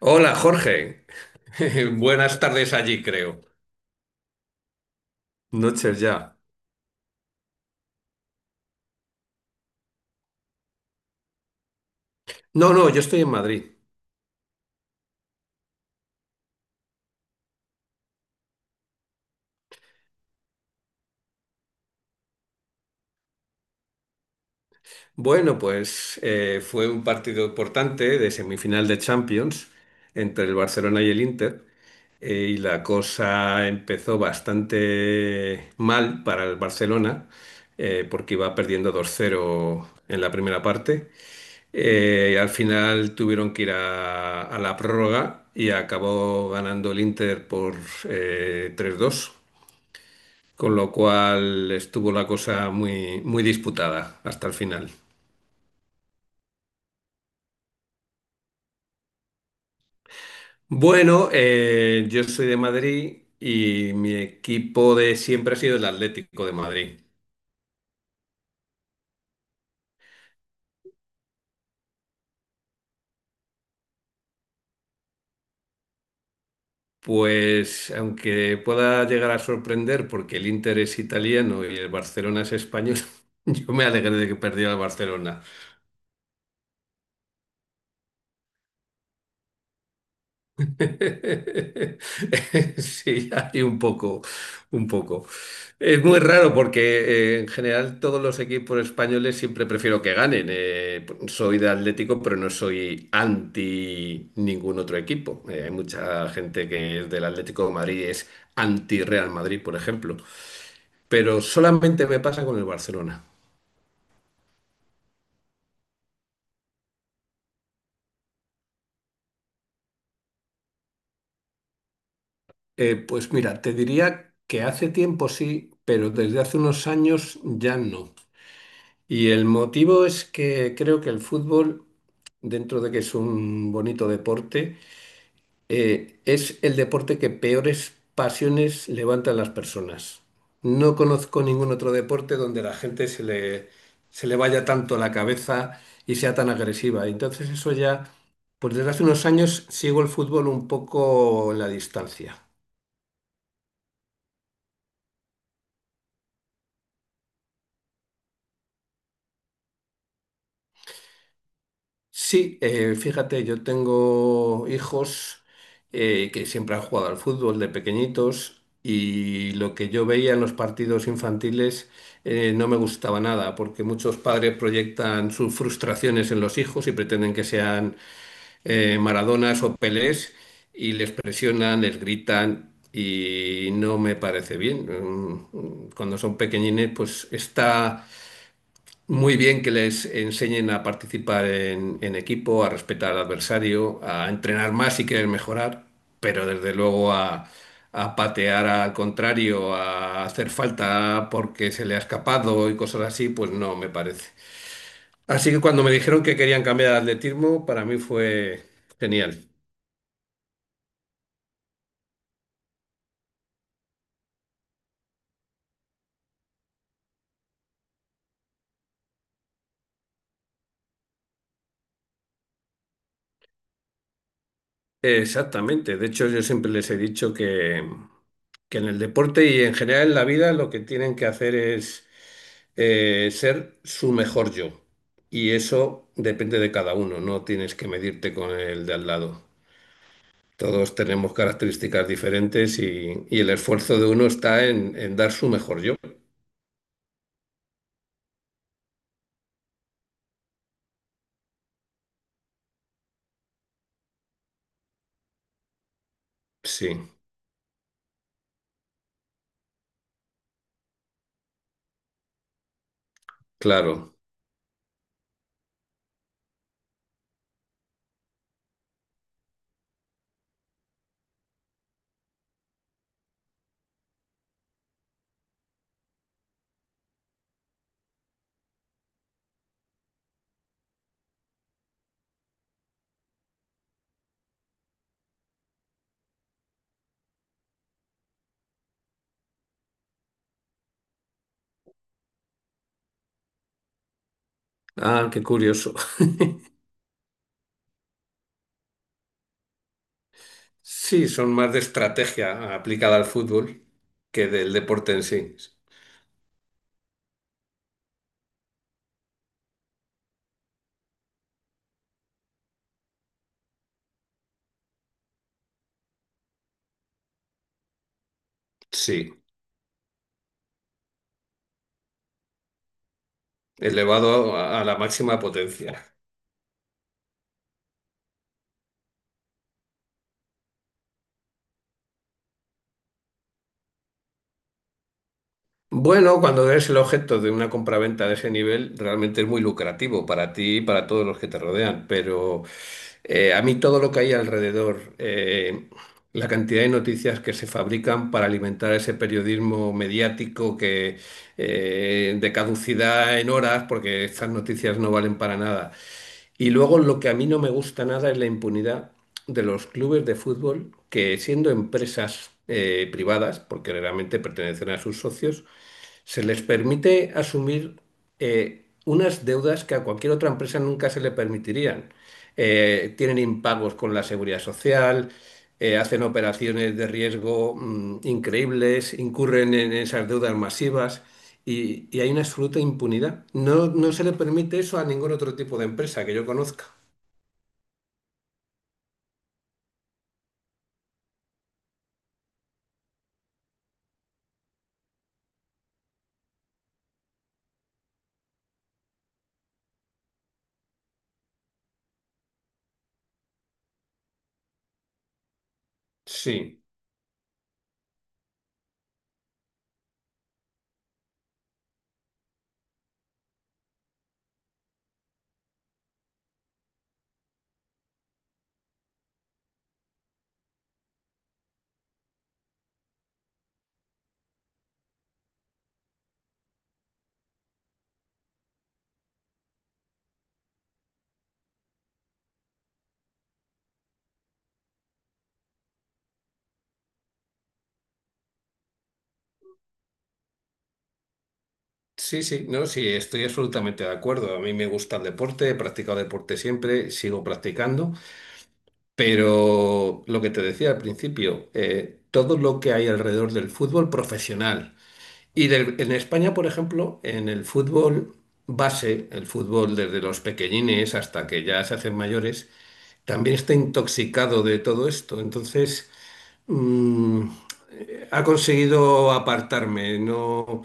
Hola Jorge, buenas tardes allí creo. Noches ya. No, no, yo estoy en Madrid. Bueno, pues fue un partido importante de semifinal de Champions entre el Barcelona y el Inter y la cosa empezó bastante mal para el Barcelona porque iba perdiendo dos cero en la primera parte. Al final tuvieron que ir a la prórroga y acabó ganando el Inter por 3-2. Con lo cual estuvo la cosa muy, muy disputada hasta el final. Bueno, yo soy de Madrid y mi equipo de siempre ha sido el Atlético de Madrid. Pues aunque pueda llegar a sorprender porque el Inter es italiano y el Barcelona es español, yo me alegré de que perdiera el Barcelona. Sí, hay un poco, un poco. Es muy raro porque en general todos los equipos españoles siempre prefiero que ganen. Soy de Atlético, pero no soy anti ningún otro equipo. Hay mucha gente que es del Atlético de Madrid y es anti Real Madrid, por ejemplo. Pero solamente me pasa con el Barcelona. Pues mira, te diría que hace tiempo sí, pero desde hace unos años ya no. Y el motivo es que creo que el fútbol, dentro de que es un bonito deporte, es el deporte que peores pasiones levanta en las personas. No conozco ningún otro deporte donde la gente se le vaya tanto la cabeza y sea tan agresiva. Y entonces eso ya, pues desde hace unos años sigo el fútbol un poco en la distancia. Sí, fíjate, yo tengo hijos que siempre han jugado al fútbol de pequeñitos y lo que yo veía en los partidos infantiles no me gustaba nada, porque muchos padres proyectan sus frustraciones en los hijos y pretenden que sean Maradonas o Pelés y les presionan, les gritan y no me parece bien. Cuando son pequeñines, pues está muy bien que les enseñen a participar en equipo, a respetar al adversario, a entrenar más si quieren mejorar, pero desde luego a patear al contrario, a hacer falta porque se le ha escapado y cosas así, pues no me parece. Así que cuando me dijeron que querían cambiar de atletismo, para mí fue genial. Exactamente. De hecho, yo siempre les he dicho que en el deporte y en general en la vida lo que tienen que hacer es ser su mejor yo. Y eso depende de cada uno, no tienes que medirte con el de al lado. Todos tenemos características diferentes y el esfuerzo de uno está en dar su mejor yo. Sí, claro. Ah, qué curioso. Sí, son más de estrategia aplicada al fútbol que del deporte en sí. Sí. Elevado a la máxima potencia. Bueno, cuando eres el objeto de una compraventa de ese nivel, realmente es muy lucrativo para ti y para todos los que te rodean, pero a mí todo lo que hay alrededor, la cantidad de noticias que se fabrican para alimentar ese periodismo mediático que de caducidad en horas, porque estas noticias no valen para nada. Y luego lo que a mí no me gusta nada es la impunidad de los clubes de fútbol que siendo empresas privadas, porque realmente pertenecen a sus socios, se les permite asumir unas deudas que a cualquier otra empresa nunca se le permitirían. Tienen impagos con la seguridad social, hacen operaciones de riesgo increíbles, incurren en esas deudas masivas y hay una absoluta impunidad. No, no se le permite eso a ningún otro tipo de empresa que yo conozca. Sí, sí, sí, no, sí, estoy absolutamente de acuerdo. A mí me gusta el deporte, he practicado deporte siempre, sigo practicando. Pero lo que te decía al principio, todo lo que hay alrededor del fútbol profesional. Y en España, por ejemplo, en el fútbol base, el fútbol desde los pequeñines hasta que ya se hacen mayores, también está intoxicado de todo esto. Entonces, Mm, ha conseguido apartarme. No,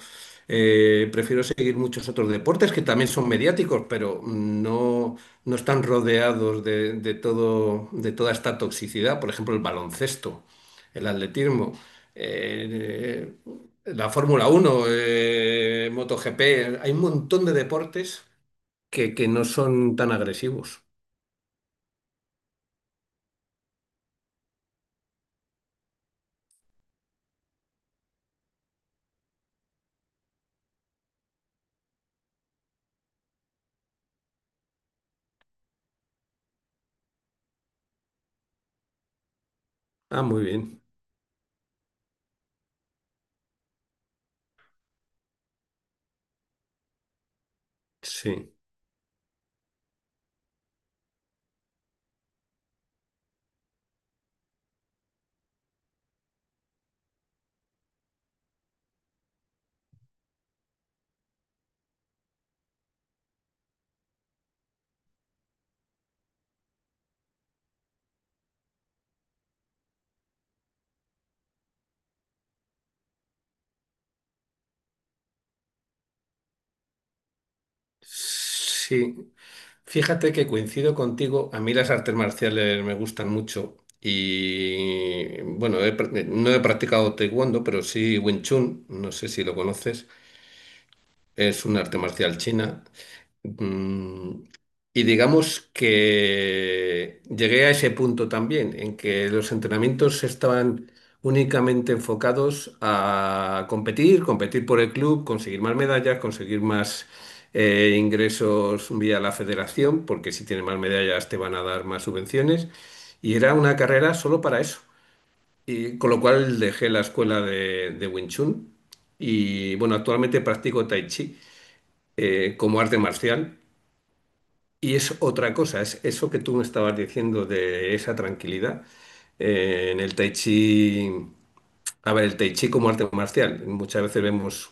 prefiero seguir muchos otros deportes que también son mediáticos, pero no, no están rodeados de todo, de toda esta toxicidad. Por ejemplo, el baloncesto, el atletismo, eh, la Fórmula Uno, MotoGP. Hay un montón de deportes que no son tan agresivos. Ah, muy bien. Sí. Sí. Fíjate que coincido contigo, a mí las artes marciales me gustan mucho y bueno, no he practicado taekwondo, pero sí Wing Chun, no sé si lo conoces, es un arte marcial china. Mm, y digamos que llegué a ese punto también, en que los entrenamientos estaban únicamente enfocados a competir, competir por el club, conseguir más medallas, conseguir más ingresos vía la federación, porque si tienes más medallas te van a dar más subvenciones. Y era una carrera solo para eso. Y con lo cual dejé la escuela de Wing Chun y bueno, actualmente practico Tai Chi como arte marcial. Y es otra cosa, es eso que tú me estabas diciendo de esa tranquilidad. En el Tai Chi, a ver, el Tai Chi como arte marcial, muchas veces vemos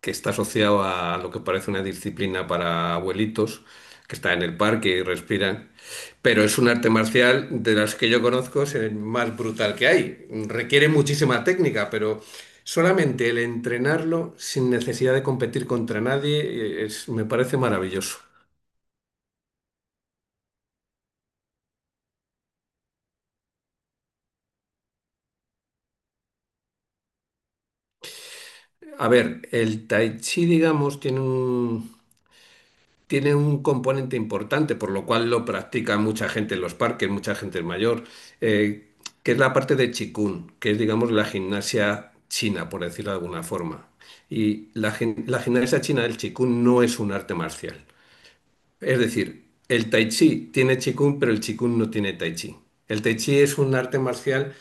que está asociado a lo que parece una disciplina para abuelitos que están en el parque y respiran, pero es un arte marcial de las que yo conozco, es el más brutal que hay. Requiere muchísima técnica, pero solamente el entrenarlo sin necesidad de competir contra nadie me parece maravilloso. A ver, el tai chi, digamos, tiene un componente importante, por lo cual lo practica mucha gente en los parques, mucha gente mayor, eh, que es la parte de Qigong, que es, digamos, la gimnasia china, por decirlo de alguna forma. Y la gimnasia china del Qigong no es un arte marcial. Es decir, el tai chi tiene Qigong, pero el Qigong no tiene tai chi. El tai chi es un arte marcial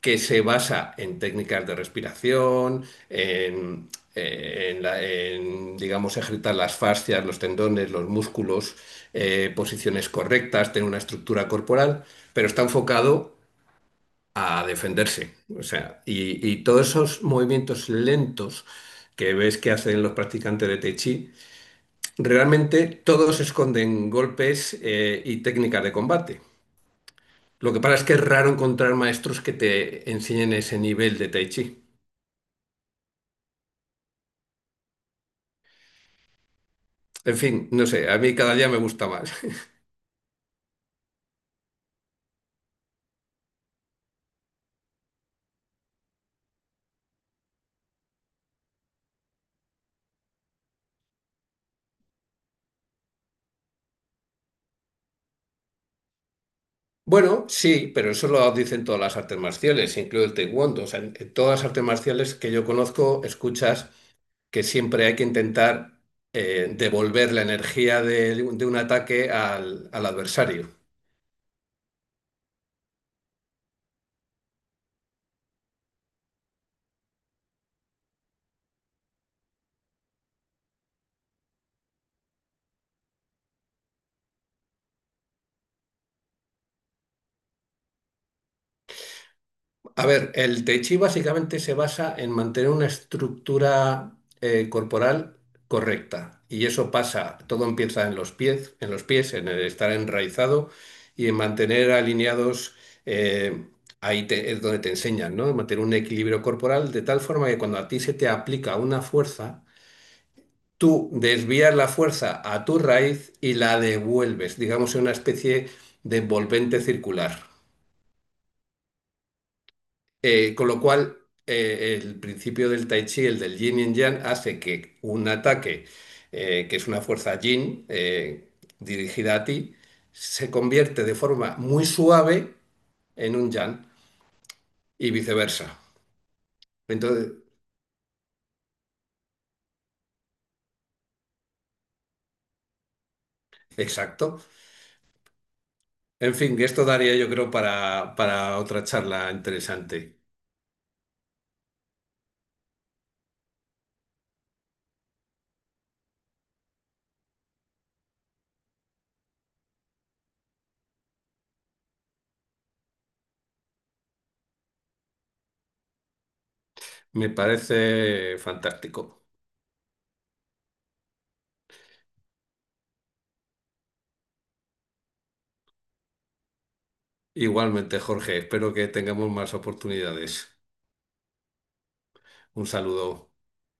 que se basa en técnicas de respiración, en, digamos, ejercitar las fascias, los tendones, los músculos, posiciones correctas, tener una estructura corporal, pero está enfocado a defenderse. O sea, y todos esos movimientos lentos que ves que hacen los practicantes de Tai Chi, realmente todos esconden golpes, y técnicas de combate. Lo que pasa es que es raro encontrar maestros que te enseñen ese nivel de Tai Chi. En fin, no sé, a mí cada día me gusta más. Bueno, sí, pero eso lo dicen todas las artes marciales, incluido el taekwondo. O sea, en todas las artes marciales que yo conozco, escuchas que siempre hay que intentar devolver la energía de un ataque al adversario. A ver, el Tai Chi básicamente se basa en mantener una estructura corporal correcta. Y eso pasa, todo empieza en los pies, en los pies, en el estar enraizado y en mantener alineados, eh, ahí es donde te enseñan, ¿no? Mantener un equilibrio corporal de tal forma que cuando a ti se te aplica una fuerza, tú desvías la fuerza a tu raíz y la devuelves, digamos, en una especie de envolvente circular. Con lo cual, el principio del Tai Chi, el del Yin y Yang, hace que un ataque, que es una fuerza Yin, dirigida a ti, se convierte de forma muy suave en un Yang y viceversa. Entonces, exacto. En fin, que esto daría yo creo para, otra charla interesante. Me parece fantástico. Igualmente, Jorge, espero que tengamos más oportunidades. Un saludo.